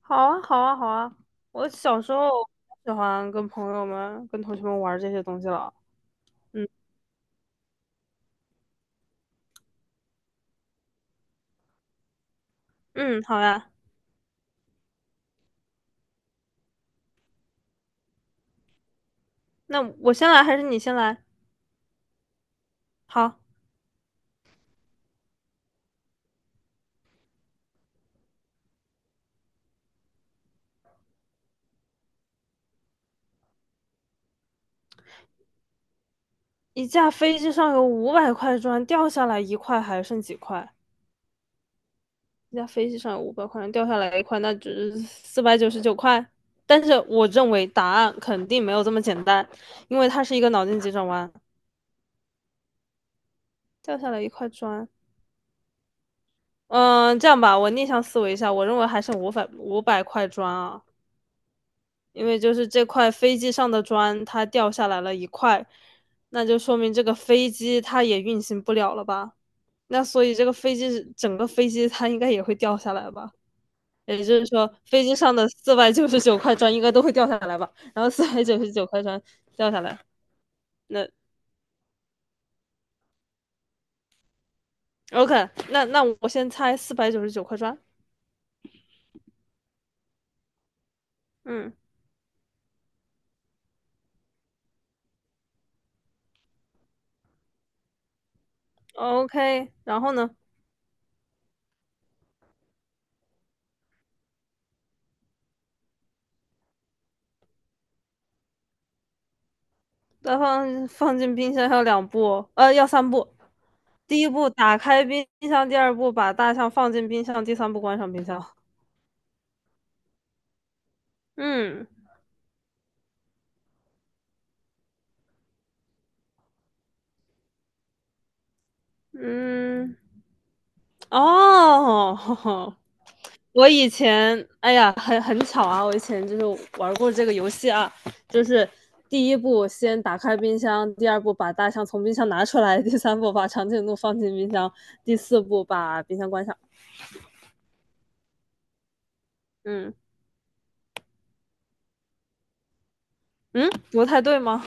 好啊，好啊，好啊！我小时候喜欢跟朋友们、跟同学们玩这些东西了。嗯嗯，好呀。那我先来还是你先来？好，一架飞机上有五百块砖，掉下来一块，还剩几块？一架飞机上有五百块砖，掉下来一块，那就是四百九十九块。但是我认为答案肯定没有这么简单，因为它是一个脑筋急转弯。掉下来一块砖，嗯，这样吧，我逆向思维一下，我认为还剩五百块砖啊。因为就是这块飞机上的砖它掉下来了一块，那就说明这个飞机它也运行不了了吧？那所以这个飞机整个飞机它应该也会掉下来吧？也就是说，飞机上的四百九十九块砖应该都会掉下来吧？然后四百九十九块砖掉下来，那 OK，那我先猜四百九十九块砖，嗯，OK，然后呢，再放进冰箱要两步哦要三步，第一步打开冰箱，第二步把大象放进冰箱，第三步关上冰箱。嗯嗯，哦，我以前，哎呀，很巧啊，我以前就是玩过这个游戏啊，就是第一步先打开冰箱，第二步把大象从冰箱拿出来，第三步把长颈鹿放进冰箱，第四步把冰箱关上。嗯嗯，不太对吗？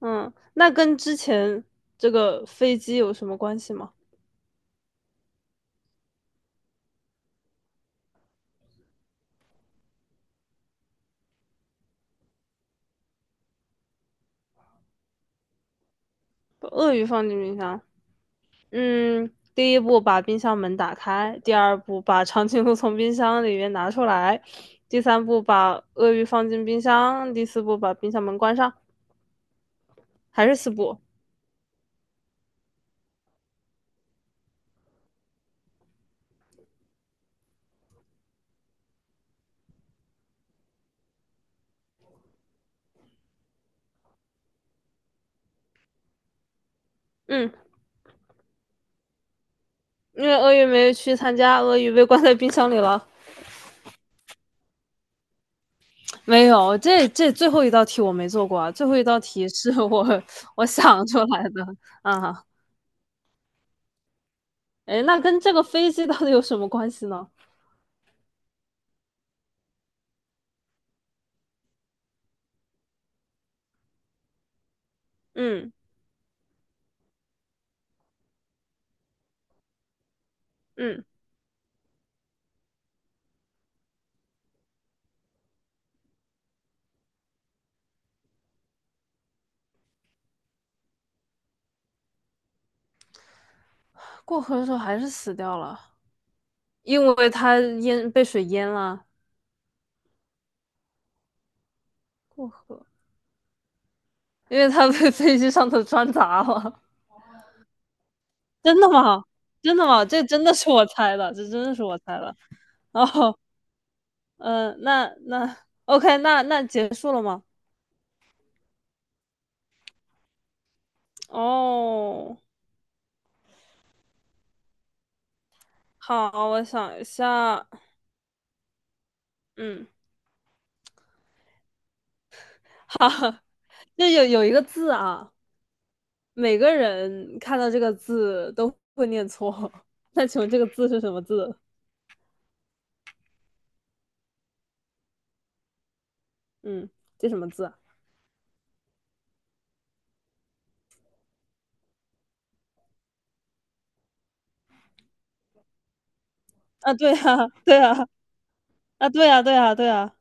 嗯，那跟之前这个飞机有什么关系吗？把鳄鱼放进冰箱。嗯，第一步把冰箱门打开，第二步把长颈鹿从冰箱里面拿出来，第三步把鳄鱼放进冰箱，第四步把冰箱门关上，还是四步。嗯，因为鳄鱼没去参加，鳄鱼被关在冰箱里了。没有，这最后一道题我没做过啊，最后一道题是我 我想出来的啊。哎，那跟这个飞机到底有什么关系呢？嗯嗯，过河的时候还是死掉了，因为它淹被水淹了。过河，因为他被 飞机上头穿砸了。真的吗？真的吗？这真的是我猜的，这真的是我猜的。哦，嗯、那 OK，那结束了吗？哦，好，我想一下，嗯，好，就有一个字啊，每个人看到这个字都会念错。那请问这个字是什么字？嗯，这什么字啊，啊对啊，对啊，啊，对啊，对啊，对啊，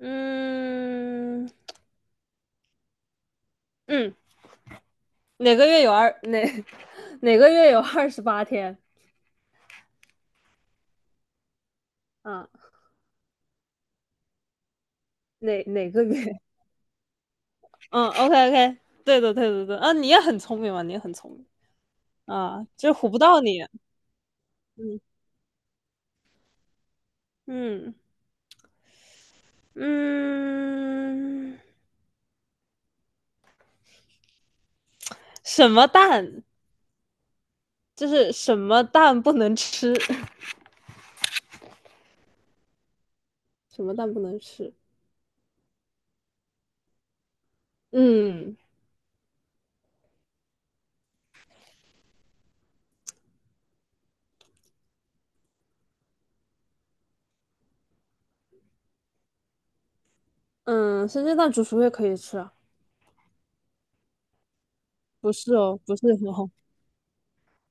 嗯嗯。哪个月有二哪哪个月有28天？啊，哪个月？嗯，OK OK，对的对的对的啊，你也很聪明嘛，你也很聪明啊，就唬不到你。嗯嗯嗯，什么蛋？就是什么蛋不能吃？什么蛋不能吃？嗯嗯，生煎蛋、煮熟也可以吃啊？不是哦，不是很好。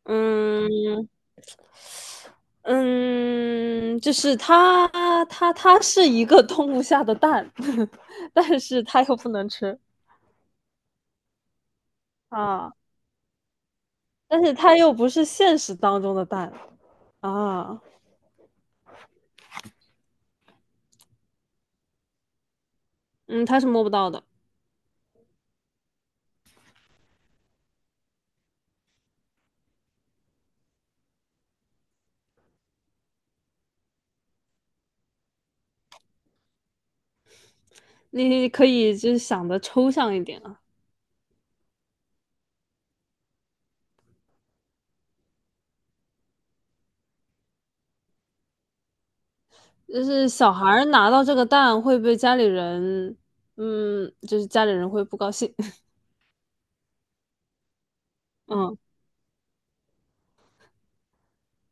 嗯，嗯，就是它是一个动物下的蛋，但是它又不能吃啊，但是它又不是现实当中的蛋啊，嗯，它是摸不到的。你可以就是想的抽象一点啊，就是小孩儿拿到这个蛋会被家里人，就是家里人会不高兴，嗯，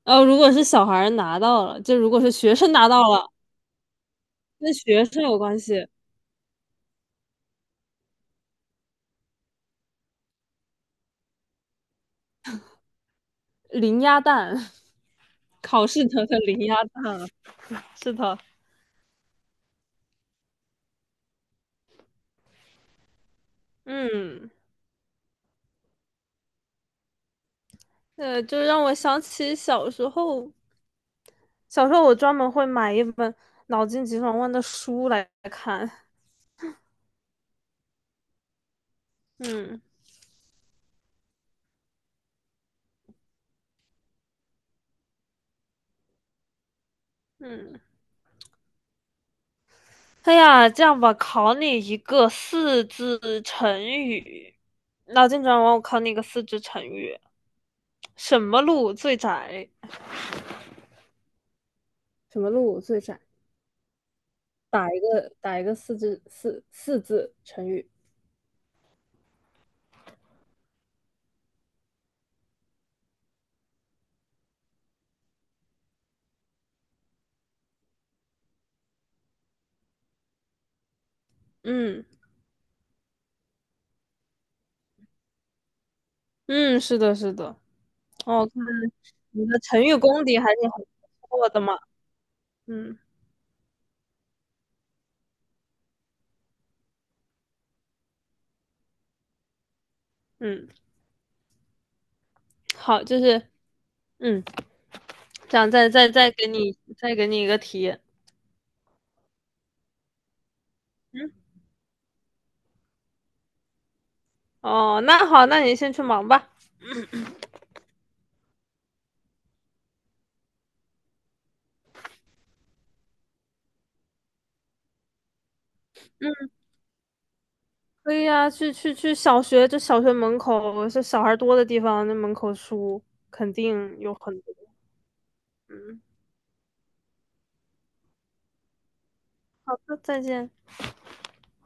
如果是小孩儿拿到了，就如果是学生拿到了，跟学生有关系，零鸭蛋，考试得的零鸭蛋了。是的，嗯，就让我想起小时候，小时候我专门会买一本脑筋急转弯的书来看。嗯嗯，哎呀，这样吧，考你一个四字成语，脑筋急转弯，我考你一个四字成语：什么路最窄？什么路最窄？打一个四字成语。嗯嗯，是的，是的。哦，看你的成语功底还是很不错的嘛。嗯，嗯，好，就是嗯，这样再给你一个题。嗯，哦，那好，那你先去忙吧。嗯，可以啊，去小学，这小学门口是小孩多的地方，那门口书肯定有很多。嗯，好的，再见。